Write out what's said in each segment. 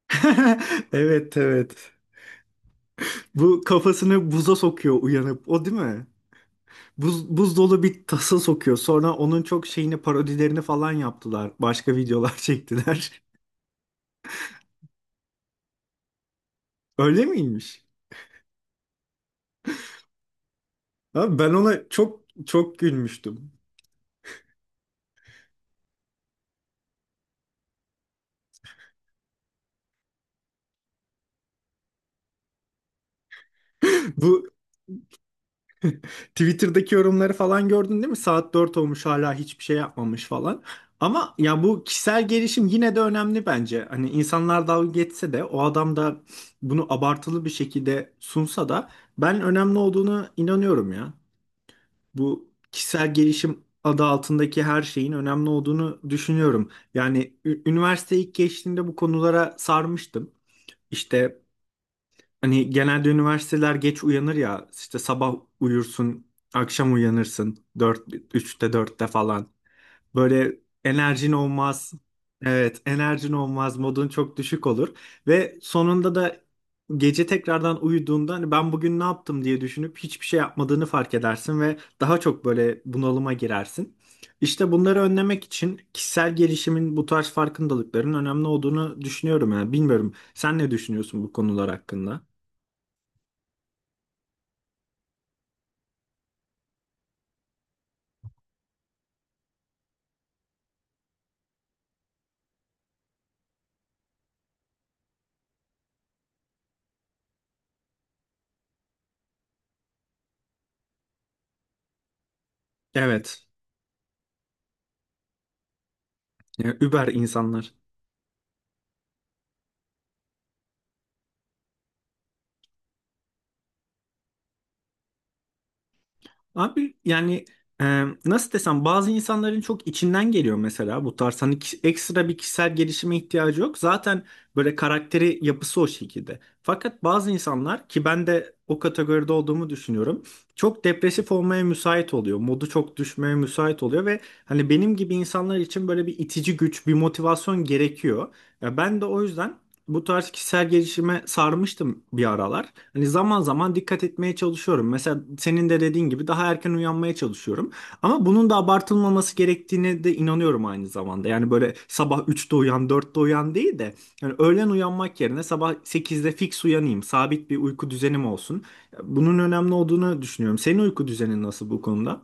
Evet evet. Bu kafasını buza sokuyor uyanıp. O değil mi? Buz dolu bir tasa sokuyor. Sonra onun çok şeyini parodilerini falan yaptılar. Başka videolar çektiler. Öyle miymiş? Abi ben ona çok çok gülmüştüm. Bu Twitter'daki yorumları falan gördün değil mi? Saat 4 olmuş hala hiçbir şey yapmamış falan. Ama ya bu kişisel gelişim yine de önemli bence. Hani insanlar dalga geçse de o adam da bunu abartılı bir şekilde sunsa da ben önemli olduğunu inanıyorum ya. Bu kişisel gelişim adı altındaki her şeyin önemli olduğunu düşünüyorum. Yani üniversite ilk geçtiğimde bu konulara sarmıştım. İşte hani genelde üniversiteler geç uyanır ya işte sabah uyursun akşam uyanırsın 4 üçte dörtte falan. Böyle enerjin olmaz. Evet, enerjin olmaz, modun çok düşük olur ve sonunda da gece tekrardan uyuduğunda hani ben bugün ne yaptım diye düşünüp hiçbir şey yapmadığını fark edersin ve daha çok böyle bunalıma girersin. İşte bunları önlemek için kişisel gelişimin bu tarz farkındalıkların önemli olduğunu düşünüyorum yani. Bilmiyorum. Sen ne düşünüyorsun bu konular hakkında? Evet. Yani über insanlar. Abi yani nasıl desem bazı insanların çok içinden geliyor mesela bu tarz hani ekstra bir kişisel gelişime ihtiyacı yok. Zaten böyle karakteri yapısı o şekilde. Fakat bazı insanlar ki ben de o kategoride olduğumu düşünüyorum. Çok depresif olmaya müsait oluyor. Modu çok düşmeye müsait oluyor ve hani benim gibi insanlar için böyle bir itici güç, bir motivasyon gerekiyor. Ya ben de o yüzden bu tarz kişisel gelişime sarmıştım bir aralar. Hani zaman zaman dikkat etmeye çalışıyorum. Mesela senin de dediğin gibi daha erken uyanmaya çalışıyorum. Ama bunun da abartılmaması gerektiğine de inanıyorum aynı zamanda. Yani böyle sabah üçte uyan, dörtte uyan değil de yani öğlen uyanmak yerine sabah sekizde fix uyanayım. Sabit bir uyku düzenim olsun. Bunun önemli olduğunu düşünüyorum. Senin uyku düzenin nasıl bu konuda?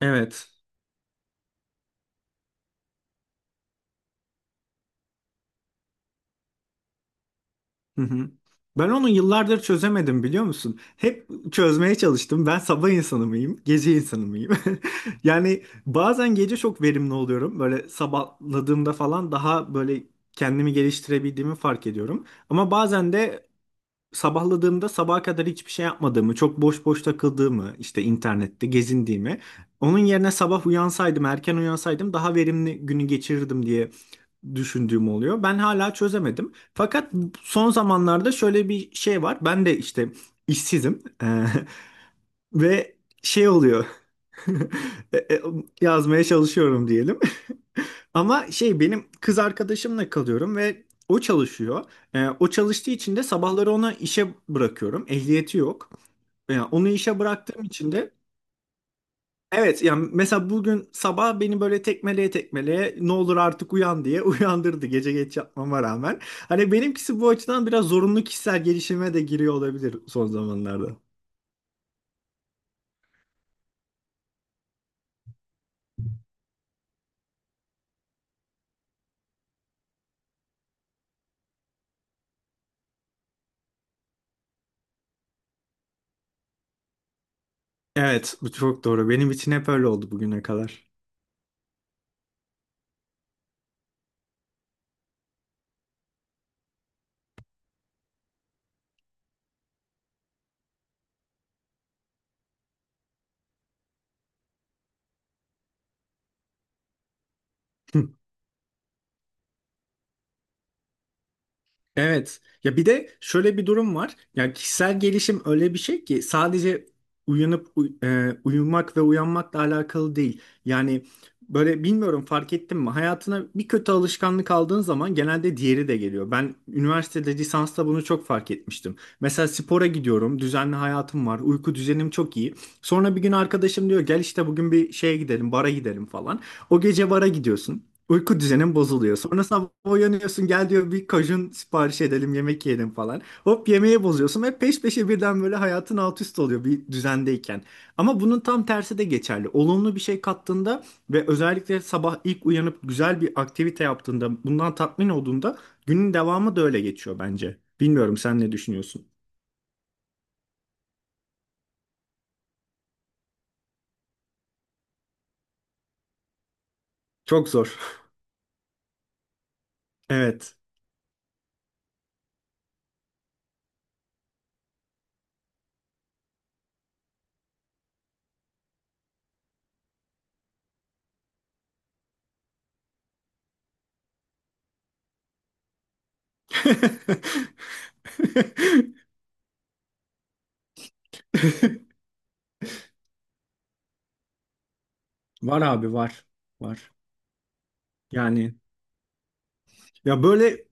Evet. Hı hı. Ben onu yıllardır çözemedim biliyor musun? Hep çözmeye çalıştım. Ben sabah insanı mıyım, gece insanı mıyım? Yani bazen gece çok verimli oluyorum. Böyle sabahladığımda falan daha böyle kendimi geliştirebildiğimi fark ediyorum. Ama bazen de sabahladığımda sabaha kadar hiçbir şey yapmadığımı, çok boş boş takıldığımı, işte internette gezindiğimi, onun yerine sabah uyansaydım, erken uyansaydım daha verimli günü geçirirdim diye düşündüğüm oluyor. Ben hala çözemedim. Fakat son zamanlarda şöyle bir şey var. Ben de işte işsizim. Ve şey oluyor. E, e, Yazmaya çalışıyorum diyelim. Ama şey benim kız arkadaşımla kalıyorum ve o çalışıyor. O çalıştığı için de sabahları onu işe bırakıyorum. Ehliyeti yok. Yani onu işe bıraktığım için de evet yani mesela bugün sabah beni böyle tekmeleye tekmeleye ne olur artık uyan diye uyandırdı gece geç yatmama rağmen. Hani benimkisi bu açıdan biraz zorunlu kişisel gelişime de giriyor olabilir son zamanlarda. Evet bu çok doğru. Benim için hep öyle oldu bugüne kadar. Evet. Ya bir de şöyle bir durum var. Yani kişisel gelişim öyle bir şey ki sadece uyanıp uyumak ve uyanmakla alakalı değil. Yani böyle bilmiyorum fark ettin mi? Hayatına bir kötü alışkanlık aldığın zaman genelde diğeri de geliyor. Ben üniversitede lisansta bunu çok fark etmiştim. Mesela spora gidiyorum, düzenli hayatım var, uyku düzenim çok iyi. Sonra bir gün arkadaşım diyor gel işte bugün bir şeye gidelim, bara gidelim falan. O gece bara gidiyorsun. Uyku düzenin bozuluyor. Sonra sabah uyanıyorsun gel diyor bir kajun sipariş edelim yemek yiyelim falan. Hop yemeği bozuyorsun ve peş peşe birden böyle hayatın alt üst oluyor bir düzendeyken. Ama bunun tam tersi de geçerli. Olumlu bir şey kattığında ve özellikle sabah ilk uyanıp güzel bir aktivite yaptığında bundan tatmin olduğunda günün devamı da öyle geçiyor bence. Bilmiyorum sen ne düşünüyorsun? Çok zor. Evet. Var abi var. Var. Yani ya böyle.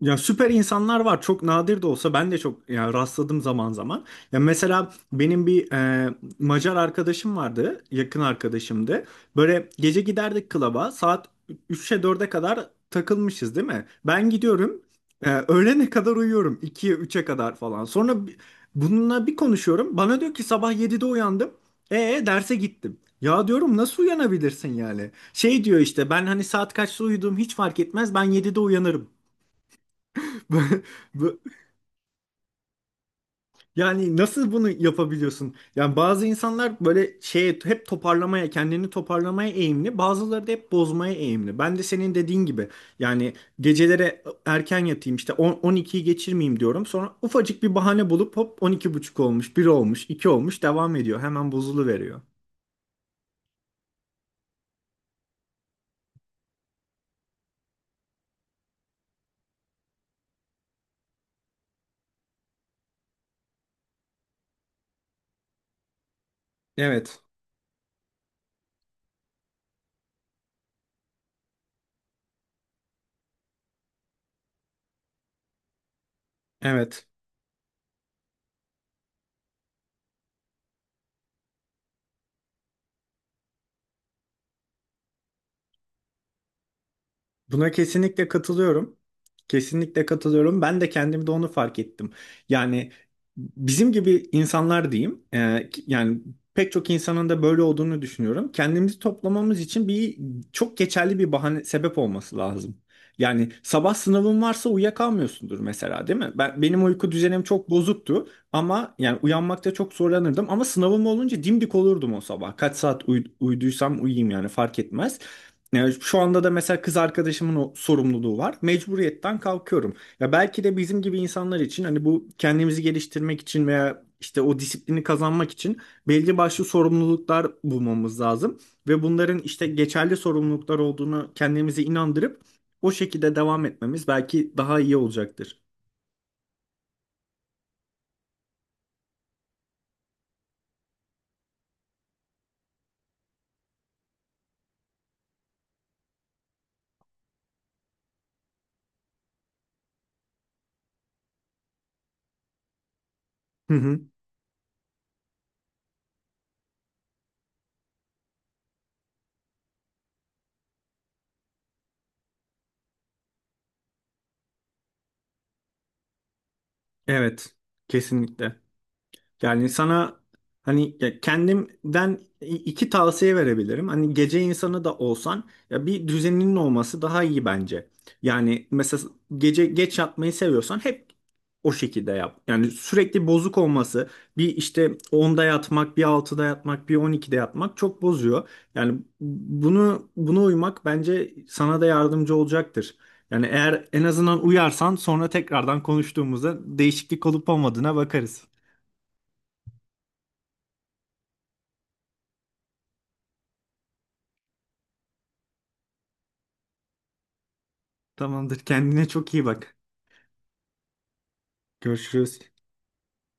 Ya süper insanlar var. Çok nadir de olsa ben de çok ya rastladım zaman zaman. Ya mesela benim bir Macar arkadaşım vardı, yakın arkadaşımdı. Böyle gece giderdik klaba. Saat 3'e dörde kadar takılmışız değil mi? Ben gidiyorum. E, öğlene kadar uyuyorum. 2'ye üç'e kadar falan. Sonra bununla bir konuşuyorum. Bana diyor ki sabah 7'de uyandım. E derse gittim. Ya diyorum nasıl uyanabilirsin yani? Şey diyor işte ben hani saat kaçta uyuduğum hiç fark etmez. Ben 7'de uyanırım. Bu- bu- Yani nasıl bunu yapabiliyorsun? Yani bazı insanlar böyle şeye hep toparlamaya, kendini toparlamaya eğimli, bazıları da hep bozmaya eğimli. Ben de senin dediğin gibi yani gecelere erken yatayım işte 10 12'yi geçirmeyeyim diyorum. Sonra ufacık bir bahane bulup hop 12 buçuk olmuş, bir olmuş, 2 olmuş devam ediyor. Hemen bozuluveriyor. Evet, evet. Buna kesinlikle katılıyorum. Kesinlikle katılıyorum. Ben de kendimde onu fark ettim. Yani bizim gibi insanlar diyeyim, yani pek çok insanın da böyle olduğunu düşünüyorum. Kendimizi toplamamız için bir çok geçerli bir bahane sebep olması lazım. Yani sabah sınavın varsa uyuyakalmıyorsundur mesela, değil mi? Benim uyku düzenim çok bozuktu ama yani uyanmakta çok zorlanırdım ama sınavım olunca dimdik olurdum o sabah. Kaç saat uyuduysam uyuyayım yani fark etmez. Yani şu anda da mesela kız arkadaşımın o sorumluluğu var. Mecburiyetten kalkıyorum. Ya belki de bizim gibi insanlar için hani bu kendimizi geliştirmek için veya işte o disiplini kazanmak için belli başlı sorumluluklar bulmamız lazım. Ve bunların işte geçerli sorumluluklar olduğunu kendimize inandırıp o şekilde devam etmemiz belki daha iyi olacaktır. Hı hı. Evet, kesinlikle. Yani sana hani ya kendimden iki tavsiye verebilirim. Hani gece insanı da olsan ya bir düzeninin olması daha iyi bence. Yani mesela gece geç yatmayı seviyorsan hep o şekilde yap. Yani sürekli bozuk olması bir işte 10'da yatmak, bir altıda yatmak, bir 12'de yatmak çok bozuyor. Yani buna uymak bence sana da yardımcı olacaktır. Yani eğer en azından uyarsan sonra tekrardan konuştuğumuzda değişiklik olup olmadığına bakarız. Tamamdır. Kendine çok iyi bak. Görüşürüz.